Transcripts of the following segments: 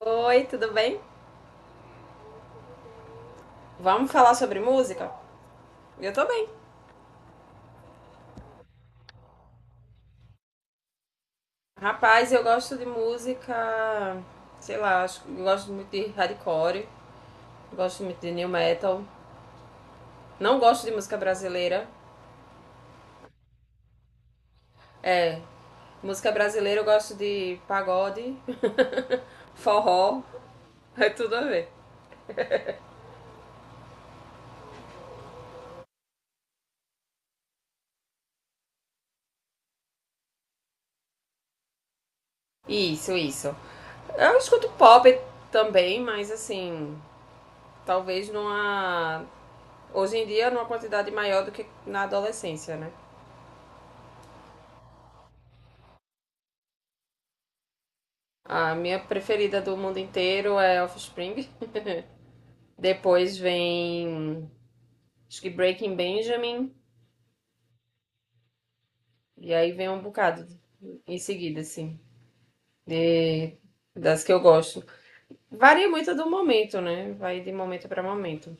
Oi, tudo bem? Vamos falar sobre música? Eu tô bem. Rapaz, eu gosto de música, sei lá, acho que eu gosto muito de hardcore, gosto muito de new metal. Não gosto de música brasileira. É, música brasileira eu gosto de pagode, forró, é tudo a ver. Isso, isso. Eu escuto pop também, mas assim, talvez numa hoje em dia numa quantidade maior do que na adolescência, né? A minha preferida do mundo inteiro é Offspring. Depois vem, acho que Breaking Benjamin. E aí vem um bocado em seguida, assim, de, das que eu gosto. Varia muito do momento, né? Vai de momento para momento.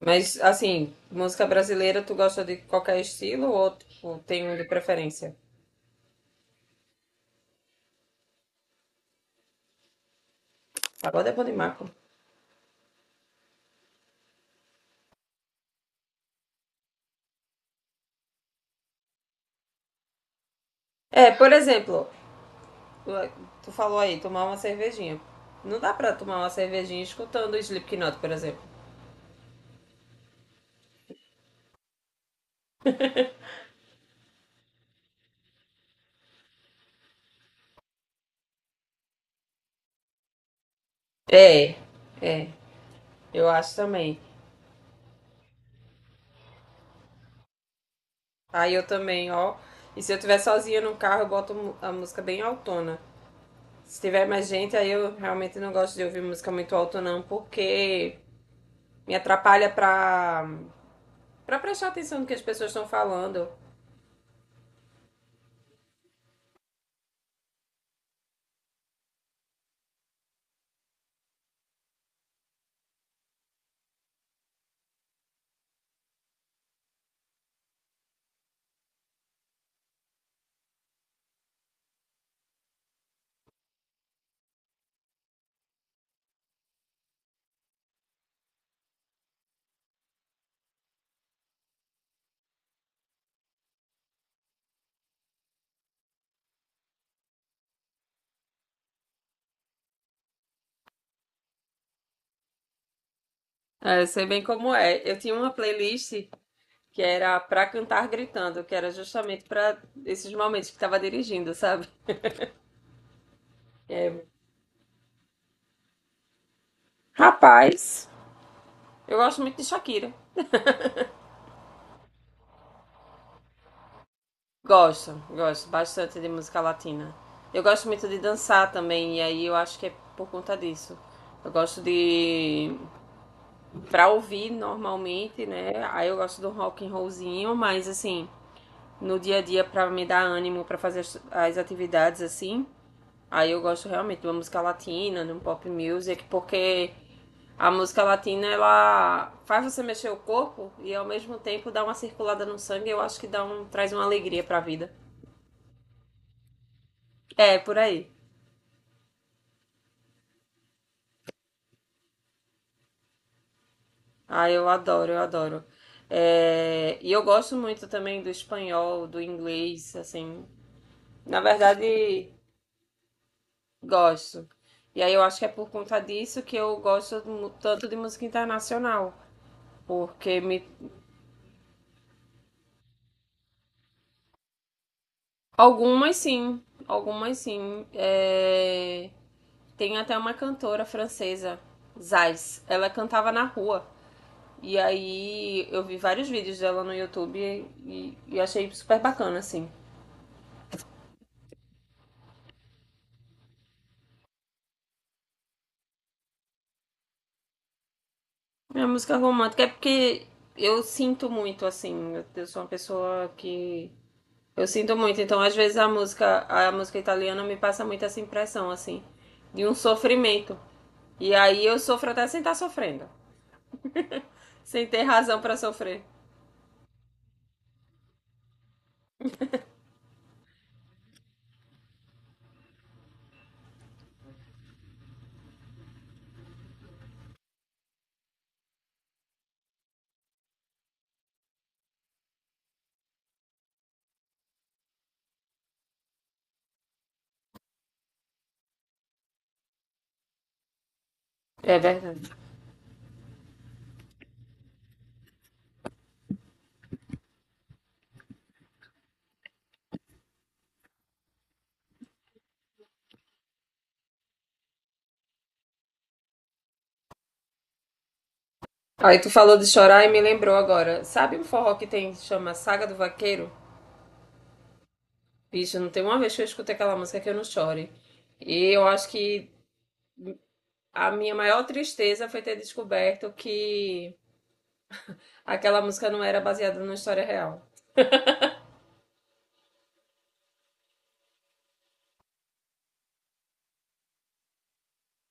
Mas, assim, música brasileira, tu gosta de qualquer estilo ou tipo, tem um de preferência? Agora é bom de marco. É, por exemplo, tu falou aí, tomar uma cervejinha. Não dá pra tomar uma cervejinha escutando Slipknot, por exemplo. É, é, eu acho também. Aí eu também, ó. E se eu estiver sozinha no carro, eu boto a música bem autona. Se tiver mais gente, aí eu realmente não gosto de ouvir música muito alta, não, porque me atrapalha pra prestar atenção no que as pessoas estão falando. É, eu sei bem como é. Eu tinha uma playlist que era pra cantar gritando, que era justamente pra esses momentos que tava dirigindo, sabe? É, rapaz, eu gosto muito de Shakira. Gosto, gosto bastante de música latina. Eu gosto muito de dançar também, e aí eu acho que é por conta disso. Eu gosto de pra ouvir normalmente, né? Aí eu gosto do rock and rollzinho, mas assim, no dia a dia pra me dar ânimo pra fazer as atividades assim, aí eu gosto realmente de uma música latina, de um pop music, porque a música latina ela faz você mexer o corpo e ao mesmo tempo dá uma circulada no sangue, eu acho que dá um traz uma alegria pra vida. É, por aí. Ah, eu adoro, eu adoro. É, e eu gosto muito também do espanhol, do inglês, assim. Na verdade, gosto. E aí eu acho que é por conta disso que eu gosto tanto de música internacional. Porque me... algumas sim, algumas sim. É, tem até uma cantora francesa, Zais. Ela cantava na rua. E aí eu vi vários vídeos dela no YouTube e achei super bacana, assim. Minha música romântica é porque eu sinto muito, assim. Eu sou uma pessoa que. Eu sinto muito. Então, às vezes, a música italiana me passa muito essa impressão, assim, de um sofrimento. E aí eu sofro até sem estar sofrendo. Sem ter razão pra sofrer. É verdade. Aí tu falou de chorar e me lembrou agora. Sabe um forró que tem, chama Saga do Vaqueiro? Bicho, não tem uma vez que eu escutei aquela música que eu não chore. E eu acho que a minha maior tristeza foi ter descoberto que aquela música não era baseada numa história real.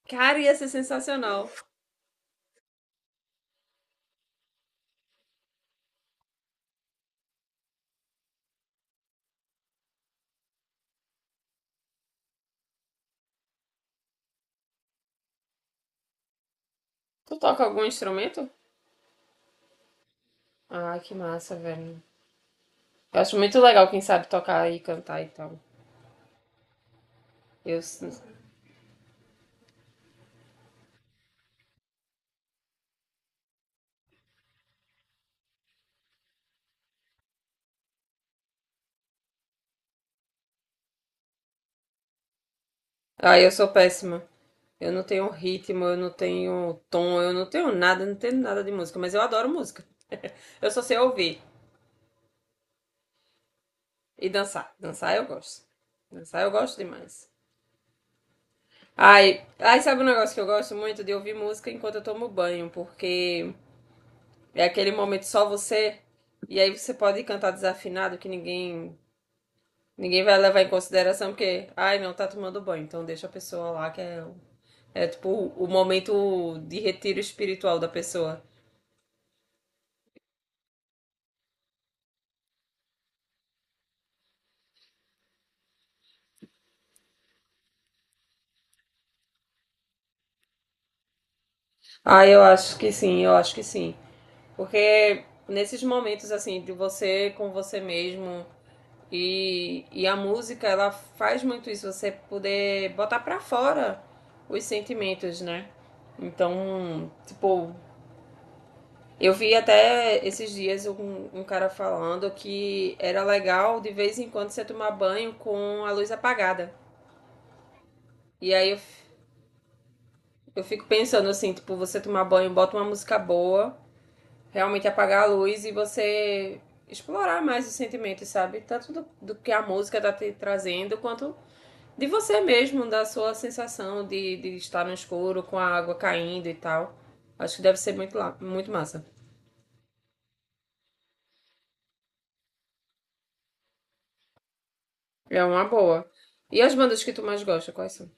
Cara, ia ser sensacional. Tu toca algum instrumento? Ah, que massa, velho. Eu acho muito legal quem sabe tocar e cantar e tal. Eu... s- Ah, eu sou péssima. Eu não tenho ritmo, eu não tenho tom, eu não tenho nada, eu não tenho nada de música, mas eu adoro música. Eu só sei ouvir e dançar. Dançar eu gosto. Dançar eu gosto demais. Ai, ai, sabe um negócio que eu gosto muito de ouvir música enquanto eu tomo banho, porque é aquele momento só você. E aí você pode cantar desafinado que ninguém vai levar em consideração porque, ai, não tá tomando banho, então deixa a pessoa lá que é é tipo o momento de retiro espiritual da pessoa. Ah, eu acho que sim, eu acho que sim. Porque nesses momentos assim de você com você mesmo e a música, ela faz muito isso, você poder botar pra fora os sentimentos, né? Então, tipo, eu vi até esses dias um cara falando que era legal de vez em quando você tomar banho com a luz apagada. E aí eu fico pensando assim, tipo, você tomar banho, bota uma música boa, realmente apagar a luz e você explorar mais os sentimentos, sabe? Tanto do que a música tá te trazendo, quanto de você mesmo, da sua sensação de estar no escuro com a água caindo e tal. Acho que deve ser muito, muito massa. É uma boa. E as bandas que tu mais gosta, quais são?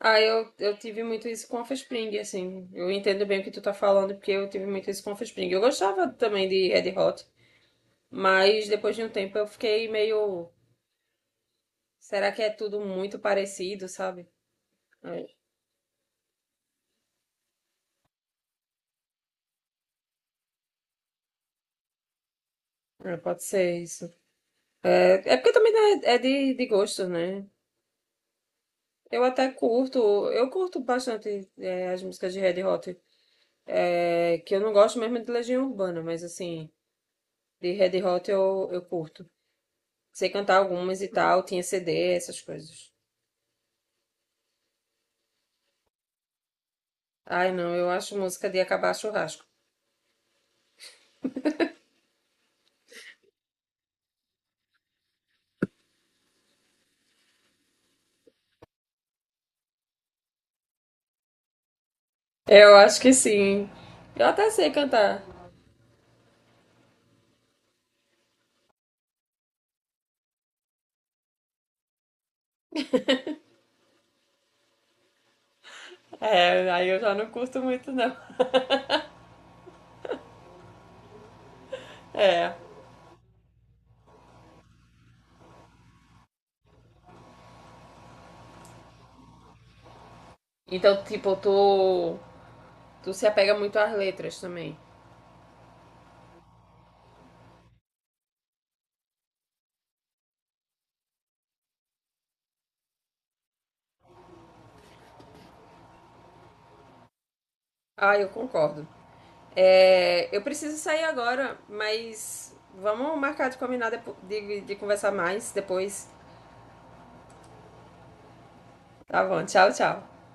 Eu tive muito isso com a Offspring, assim. Eu entendo bem o que tu tá falando, porque eu tive muito isso com a Offspring. Eu gostava também de Red Hot, mas depois de um tempo eu fiquei meio. Será que é tudo muito parecido, sabe? É, pode ser isso. É, é porque também né, é de gosto, né? Eu até curto, eu curto bastante é, as músicas de Red Hot. É, que eu não gosto mesmo de Legião Urbana, mas assim, de Red Hot eu curto. Sei cantar algumas e tal, tinha CD, essas coisas. Ai, não, eu acho música de acabar churrasco. Eu acho que sim. Eu até sei cantar. É, aí eu já não curto muito, não. É. Então, tipo, tu se apega muito às letras também. Ah, eu concordo. É, eu preciso sair agora, mas vamos marcar de combinar de conversar mais depois. Tá bom, tchau, tchau.